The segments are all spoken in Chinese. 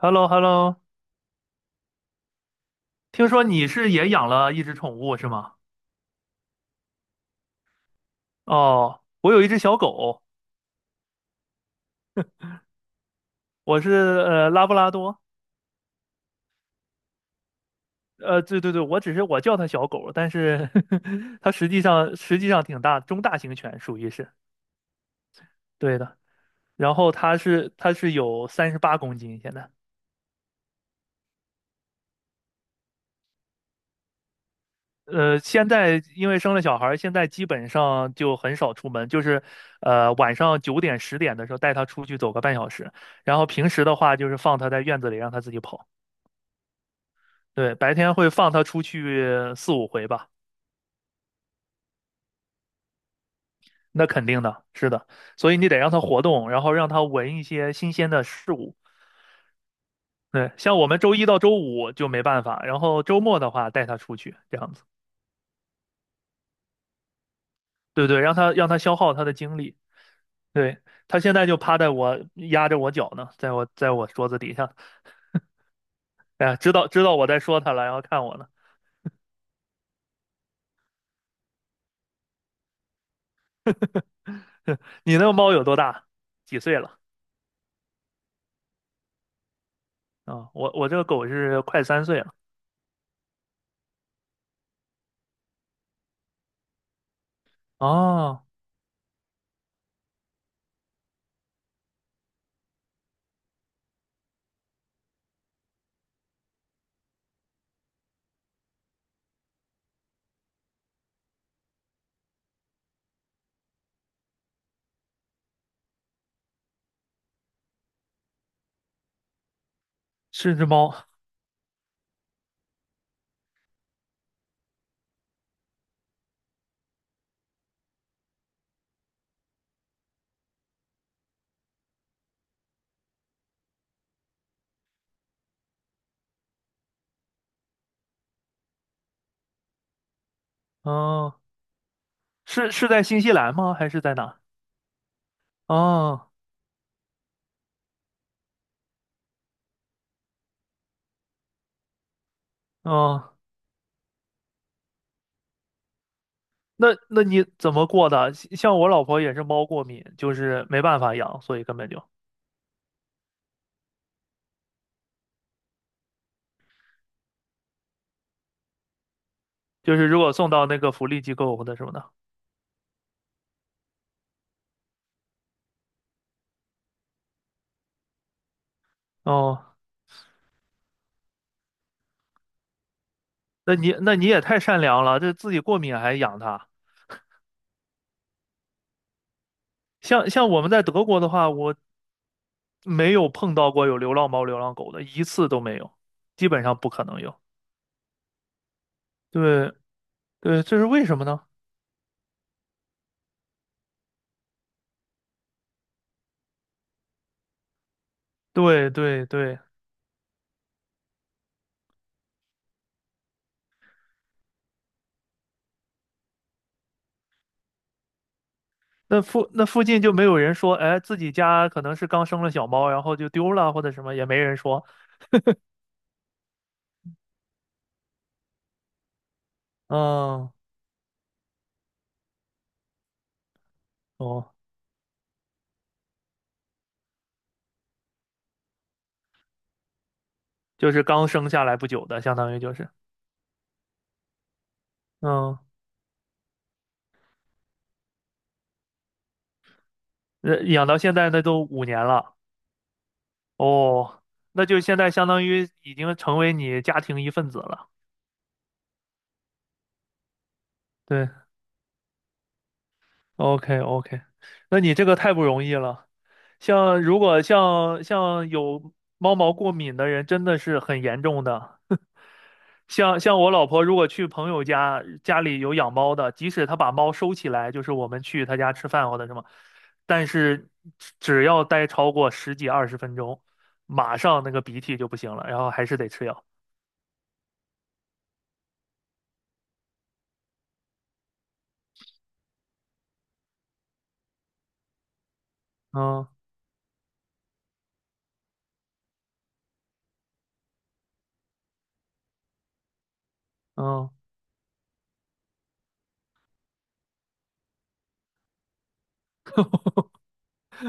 h e l l o h e l l o 听说你是也养了一只宠物是吗？哦，我有一只小狗，我是拉布拉多，对对对，我只是我叫它小狗，但是 它实际上挺大，中大型犬属于是，对的。然后它是有38公斤现在，现在因为生了小孩儿，现在基本上就很少出门，就是晚上9点10点的时候带它出去走个半小时，然后平时的话就是放它在院子里让它自己跑。对，白天会放它出去4、5回吧，那肯定的，是的，所以你得让它活动，然后让它闻一些新鲜的事物。对，像我们周一到周五就没办法，然后周末的话带它出去，这样子，对对，让它消耗它的精力。对，它现在就趴在我压着我脚呢，在我桌子底下，哎呀，知道知道我在说它了，然后看我呢。你那个猫有多大？几岁了？啊、我这个狗是快3岁了。哦，是只猫。哦，是是在新西兰吗？还是在哪？哦哦，那你怎么过的？像我老婆也是猫过敏，就是没办法养，所以根本就就是如果送到那个福利机构或者什么的。哦，那你也太善良了，这自己过敏还养它。像我们在德国的话，我没有碰到过有流浪猫、流浪狗的，一次都没有，基本上不可能有。对对，这是为什么呢？对对对，那附近就没有人说，哎，自己家可能是刚生了小猫，然后就丢了或者什么，也没人说。嗯，哦，就是刚生下来不久的，相当于就是，嗯，养到现在那都5年了。哦，那就现在相当于已经成为你家庭一份子了。对，OK OK，那你这个太不容易了。像如果像有猫毛过敏的人，真的是很严重的。像我老婆如果去朋友家，家里有养猫的，即使她把猫收起来，就是我们去她家吃饭或者什么，但是只要待超过十几二十分钟，马上那个鼻涕就不行了，然后还是得吃药。嗯嗯，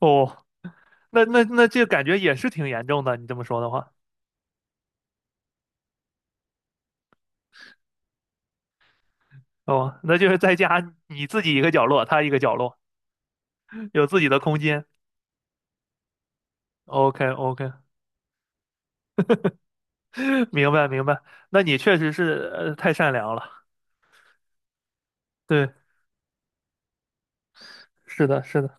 哦，那这感觉也是挺严重的，你这么说的话，哦，那就是在家你自己一个角落，他一个角落，有自己的空间。OK OK，明白明白，那你确实是太善良了，对，是的是的。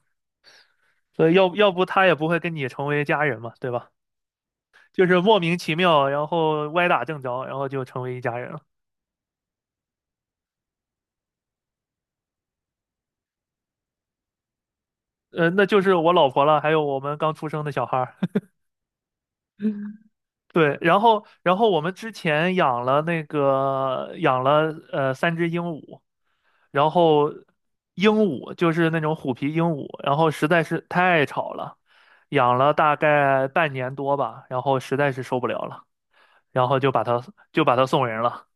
所以要不他也不会跟你成为家人嘛，对吧？就是莫名其妙，然后歪打正着，然后就成为一家人了。那就是我老婆了，还有我们刚出生的小孩儿。对，然后我们之前养了3只鹦鹉，然后鹦鹉就是那种虎皮鹦鹉，然后实在是太吵了，养了大概半年多吧，然后实在是受不了了，然后就把它送人了。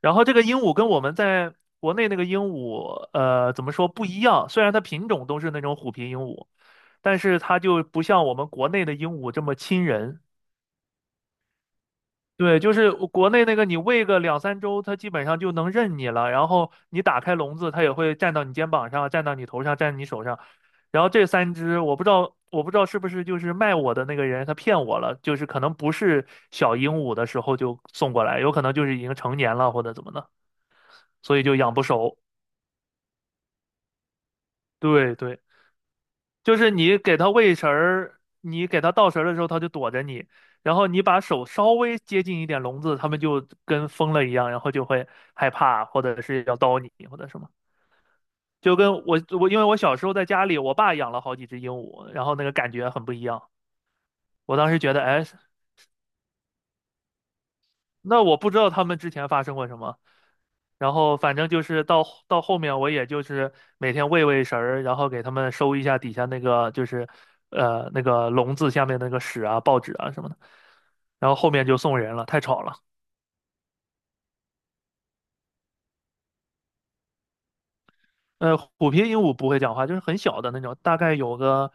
然后这个鹦鹉跟我们在国内那个鹦鹉，怎么说不一样？虽然它品种都是那种虎皮鹦鹉，但是它就不像我们国内的鹦鹉这么亲人。对，就是国内那个你喂个2、3周，它基本上就能认你了。然后你打开笼子，它也会站到你肩膀上，站到你头上，站你手上。然后这三只，我不知道，我不知道是不是就是卖我的那个人他骗我了，就是可能不是小鹦鹉的时候就送过来，有可能就是已经成年了或者怎么的，所以就养不熟。对对，就是你给它喂食儿，你给它倒食儿的时候，它就躲着你，然后你把手稍微接近一点笼子，它们就跟疯了一样，然后就会害怕，或者是要叨你，或者什么。就跟我因为我小时候在家里，我爸养了好几只鹦鹉，然后那个感觉很不一样。我当时觉得，哎，那我不知道它们之前发生过什么，然后反正就是到后面，我也就是每天喂喂食儿，然后给他们收一下底下那个就是那个笼子下面那个屎啊、报纸啊什么的。然后后面就送人了，太吵了。虎皮鹦鹉不会讲话，就是很小的那种，大概有个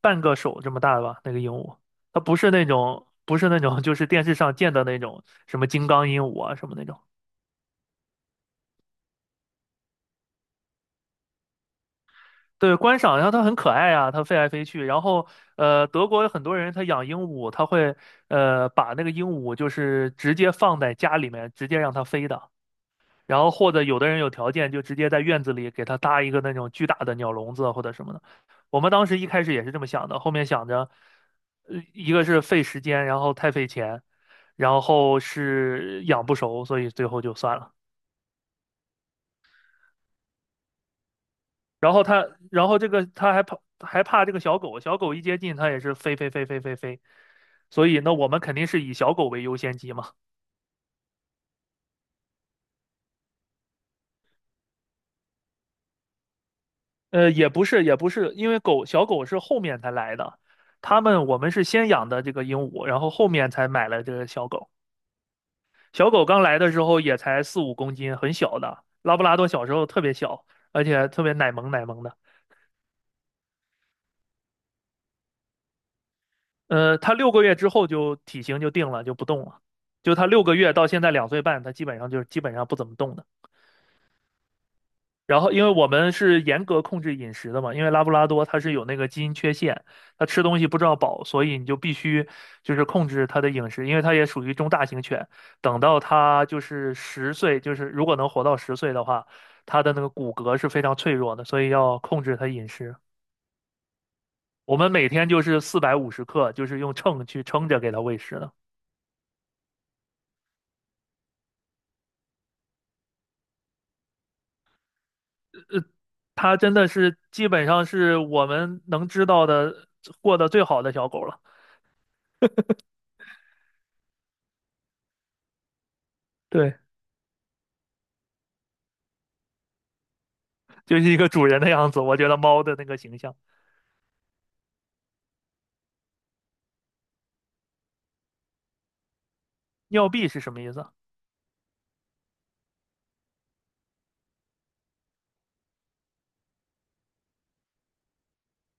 半个手这么大吧，那个鹦鹉。它不是那种，不是那种，就是电视上见的那种什么金刚鹦鹉啊什么那种。对，观赏，然后它很可爱啊，它飞来飞去。然后，德国有很多人他养鹦鹉，他会把那个鹦鹉就是直接放在家里面，直接让它飞的。然后或者有的人有条件，就直接在院子里给它搭一个那种巨大的鸟笼子或者什么的。我们当时一开始也是这么想的，后面想着，一个是费时间，然后太费钱，然后是养不熟，所以最后就算了。然后他，然后这个他还怕这个小狗，小狗一接近它也是飞飞飞飞飞飞，所以那我们肯定是以小狗为优先级嘛。也不是也不是，因为小狗是后面才来的，我们是先养的这个鹦鹉，然后后面才买了这个小狗。小狗刚来的时候也才4、5公斤，很小的。拉布拉多小时候特别小，而且特别奶萌奶萌的。它六个月之后就体型就定了，就不动了。就它六个月到现在2岁半，它基本上不怎么动的。然后，因为我们是严格控制饮食的嘛，因为拉布拉多它是有那个基因缺陷，它吃东西不知道饱，所以你就必须就是控制它的饮食，因为它也属于中大型犬。等到它就是十岁，就是如果能活到十岁的话，它的那个骨骼是非常脆弱的，所以要控制它饮食。我们每天就是450克，就是用秤去称着给它喂食的。它真的是基本上是我们能知道的过得最好的小狗了。对。就是一个主人的样子。我觉得猫的那个形象，尿币是什么意思啊？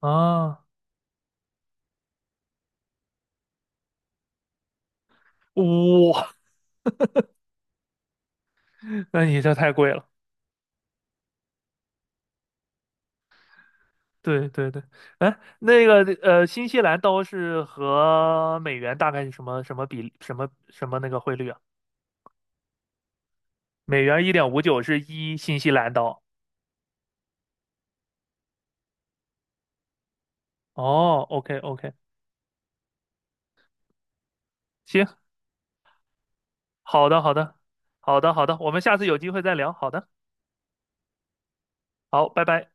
啊，哇，那你这太贵了。对对对，哎，那个新西兰刀是和美元大概是什么什么比什么什么那个汇率啊？美元1.59是一新西兰刀。哦，OK OK，行，好的好的，好的好的，我们下次有机会再聊。好的，好，拜拜。